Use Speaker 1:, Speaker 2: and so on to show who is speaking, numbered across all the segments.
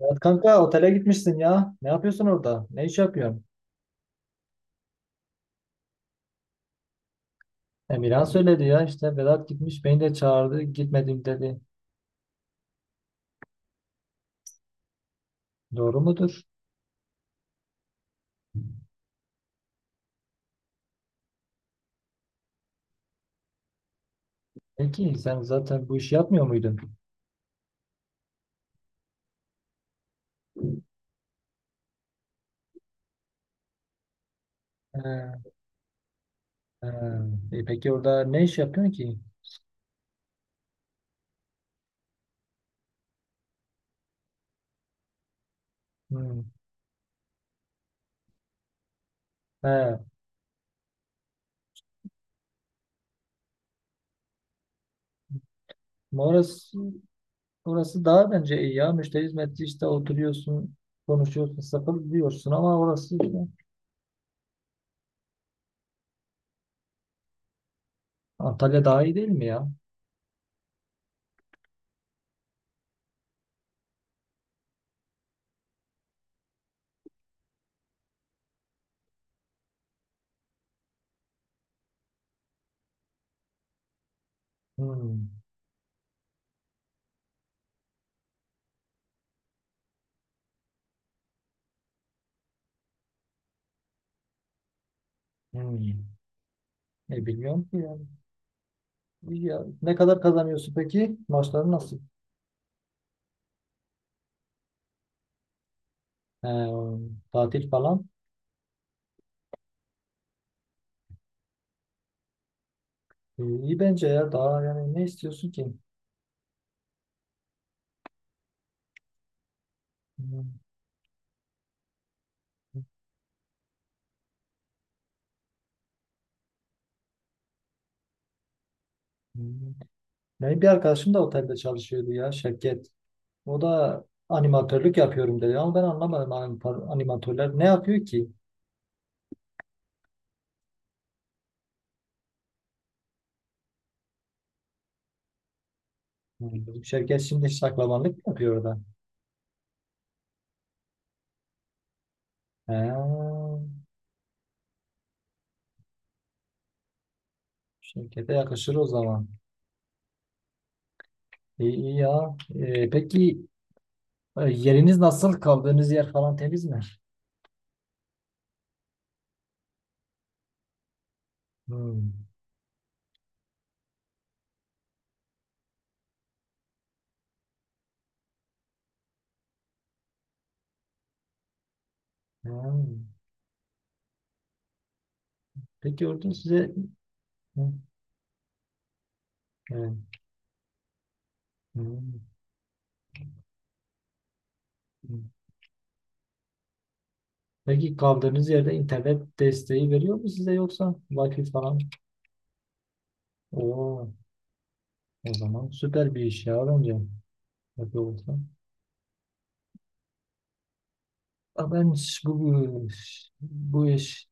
Speaker 1: Vedat kanka otele gitmişsin ya. Ne yapıyorsun orada? Ne iş yapıyorsun? Emirhan söyledi ya işte Vedat gitmiş beni de çağırdı gitmedim dedi. Doğru mudur? Peki sen zaten bu işi yapmıyor muydun? He, he. Peki orada ne iş yapıyorsun ki? Hmm. He. Ama orası daha bence iyi ya. Müşteri hizmetçi işte oturuyorsun, konuşuyorsun, sakın diyorsun ama orası işte- Antalya daha iyi değil mi ya? Hmm. Hmm. Bilmiyorum ki ya. Ya, ne kadar kazanıyorsun peki? Maçları nasıl? Ee, tatil falan. İyi bence ya. Daha yani ne istiyorsun ki? Hmm, hmm. Benim bir arkadaşım da otelde çalışıyordu ya Şevket. O da animatörlük yapıyorum dedi ama ben anlamadım animatörler ne yapıyor ki? Hmm, bizim Şevket şimdi şaklabanlık yapıyor orada. He, Şevket'e yakışır o zaman. İyi, iyi ya. Peki yeriniz nasıl? Kaldığınız yer falan temiz mi? Hmm. Hmm. Peki orada size Hı, evet, hı, hı. Peki kaldığınız yerde internet desteği veriyor mu size yoksa Wi-Fi falan? Oo, o zaman süper bir iş ya bence. Yapıyor olsa. Aa, ben bu iş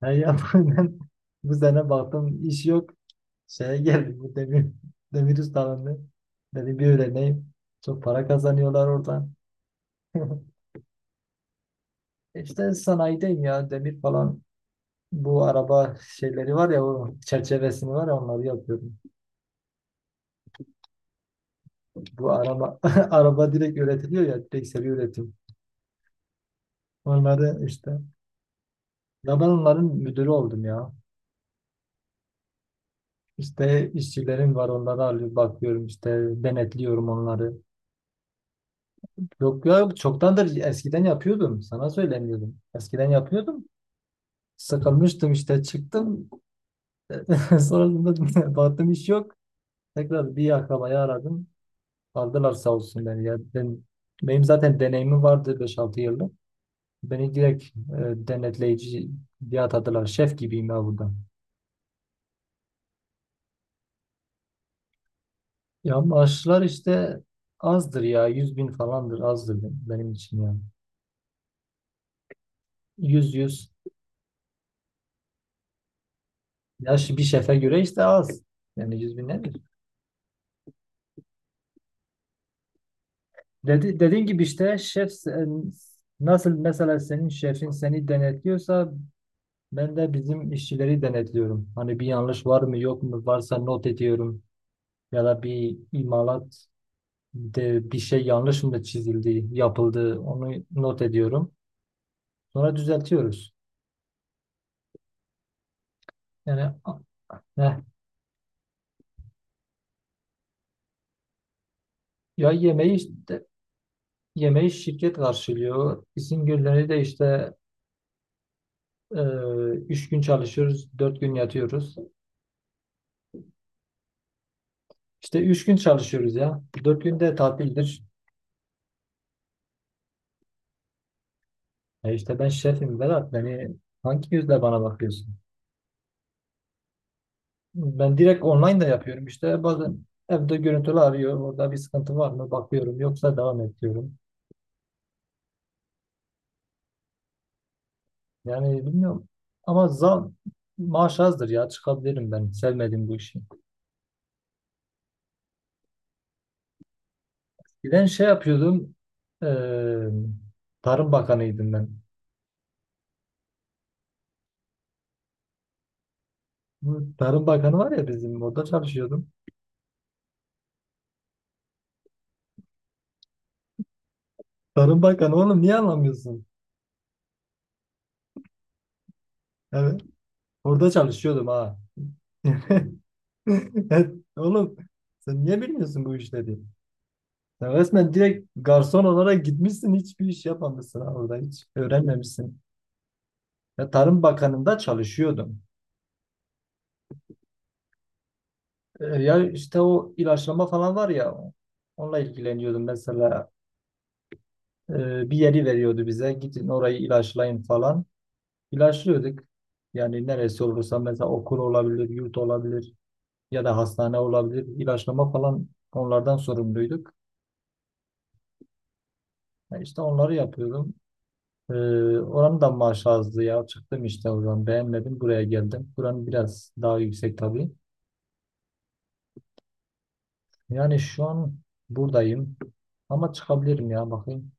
Speaker 1: her yapılan bu sene baktım iş yok. Şeye geldim bu demir ustalarını. Dedim bir öğreneyim. Çok para kazanıyorlar oradan. İşte sanayideyim ya demir falan, bu araba şeyleri var ya o çerçevesini var ya onları yapıyorum. Bu araba araba direkt üretiliyor ya, direkt seri üretim. Onları işte, ya ben onların müdürü oldum ya. İşte işçilerim var, onları alıp bakıyorum işte, denetliyorum onları. Yok ya, çoktandır eskiden yapıyordum sana söylemiyordum. Eskiden yapıyordum. Sıkılmıştım işte çıktım. Sonrasında baktım iş yok. Tekrar bir akrabayı aradım. Aldılar sağ olsun beni ya. Benim zaten deneyimim vardı 5-6 yıllık. Beni direkt denetleyici diye atadılar. Şef gibiyim ya burada. Ya maaşlar işte azdır ya. Yüz bin falandır, azdır benim için ya. Yüz yüz Ya bir şefe göre işte az. Yani 100 bin nedir? Dedi, dediğin gibi işte şef nasıl mesela senin şefin seni denetliyorsa, ben de bizim işçileri denetliyorum. Hani bir yanlış var mı yok mu, varsa not ediyorum. Ya da bir imalat de bir şey yanlış mı çizildi, yapıldı, onu not ediyorum. Sonra düzeltiyoruz. Yani heh. Ya yemeği işte, yemeği şirket karşılıyor. İsim günleri de işte e, üç gün çalışıyoruz, dört gün yatıyoruz. İşte üç gün çalışıyoruz ya. 4 günde tatildir. E işte ben şefim Vedat. Beni hangi yüzle bana bakıyorsun? Ben direkt online da yapıyorum işte. Bazen evde görüntülü arıyor. Orada bir sıkıntı var mı? Bakıyorum. Yoksa devam ediyorum. Yani bilmiyorum. Ama zam maaş azdır ya, çıkabilirim ben. Sevmedim bu işi. Bir de şey yapıyordum. eee, Tarım Bakanıydım ben. Bu Tarım Bakanı var ya, bizim orada çalışıyordum. Tarım Bakanı oğlum, niye anlamıyorsun? Evet. Orada çalışıyordum ha. Evet, oğlum sen niye bilmiyorsun bu işleri? Sen resmen direkt garson olarak gitmişsin, hiçbir iş yapmamışsın ha, orada hiç öğrenmemişsin. Ya Tarım Bakanı'nda çalışıyordum. Ya işte o ilaçlama falan var ya, onunla ilgileniyordum mesela. Bir yeri veriyordu bize, gidin orayı ilaçlayın falan. İlaçlıyorduk. Yani neresi olursa, mesela okul olabilir, yurt olabilir ya da hastane olabilir. İlaçlama falan, onlardan sorumluyduk. Yani işte onları yapıyordum. Ee, oranın da maaşı azdı ya. Çıktım işte oradan, beğenmedim, buraya geldim. Buranın biraz daha yüksek tabii. Yani şu an buradayım ama çıkabilirim ya, bakayım.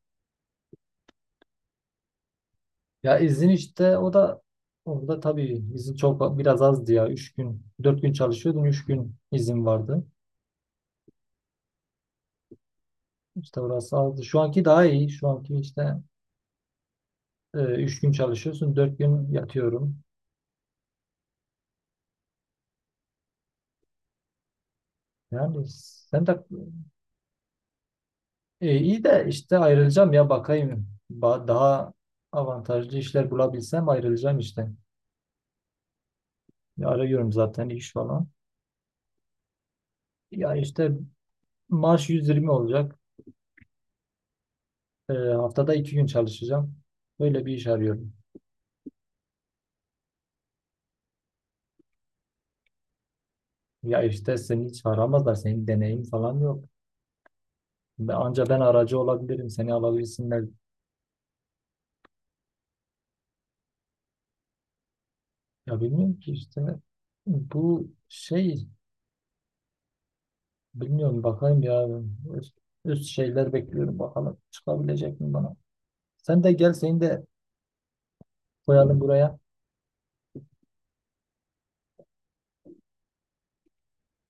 Speaker 1: Ya izin işte, o da orada tabii izin çok biraz azdı ya. Üç gün, 4 gün çalışıyordum. Üç gün izin vardı. İşte orası azdı. Şu anki daha iyi. Şu anki işte 3 gün çalışıyorsun. Dört gün yatıyorum. Yani sen de iyi de işte ayrılacağım ya, bakayım. Daha avantajlı işler bulabilsem ayrılacağım işte. Ya arıyorum zaten iş falan. Ya işte maaş 120 olacak. Haftada 2 gün çalışacağım. Böyle bir iş arıyorum. Ya işte seni hiç aramazlar, senin deneyim falan yok. Ben, anca ben aracı olabilirim. Seni alabilirsinler. Ya bilmiyorum ki işte. Bu şey, bilmiyorum, bakayım ya. Üst, üst şeyler bekliyorum, bakalım. Çıkabilecek mi bana? Sen de gel, seni de koyalım buraya.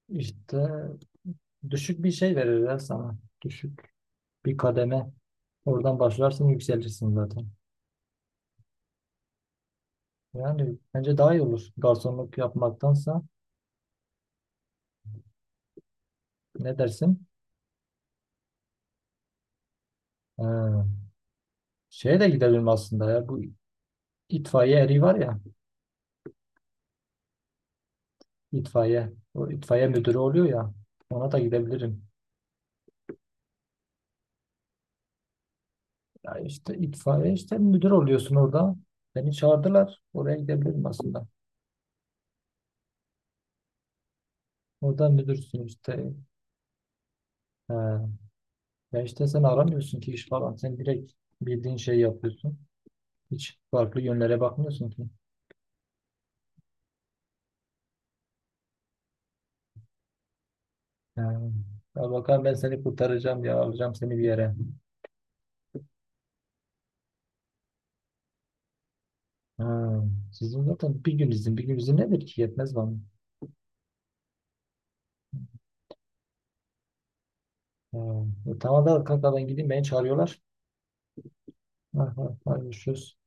Speaker 1: İşte düşük bir şey verirler sana. Düşük bir kademe. Oradan başlarsın, yükselirsin zaten. Yani bence daha iyi olur. Garsonluk yapmaktansa ne dersin? Ee, şeye de gidelim aslında ya. Bu İtfaiye eri var ya, itfaiye. O itfaiye müdürü oluyor ya. Ona da gidebilirim. Ya işte itfaiye, işte müdür oluyorsun orada. Beni çağırdılar. Oraya gidebilirim aslında. Orada müdürsün işte. He. Ya işte sen aramıyorsun ki iş falan. Sen direkt bildiğin şeyi yapıyorsun. Hiç farklı yönlere bakmıyorsun ki. He. Ya bakalım, ben seni kurtaracağım ya. Alacağım seni bir yere. He. Sizin zaten bir gün izin. Bir gün izin nedir ki? Yetmez bana. He. E tamam da kanka ben gideyim. Beni çağırıyorlar. Aha, paylaşıyoruz.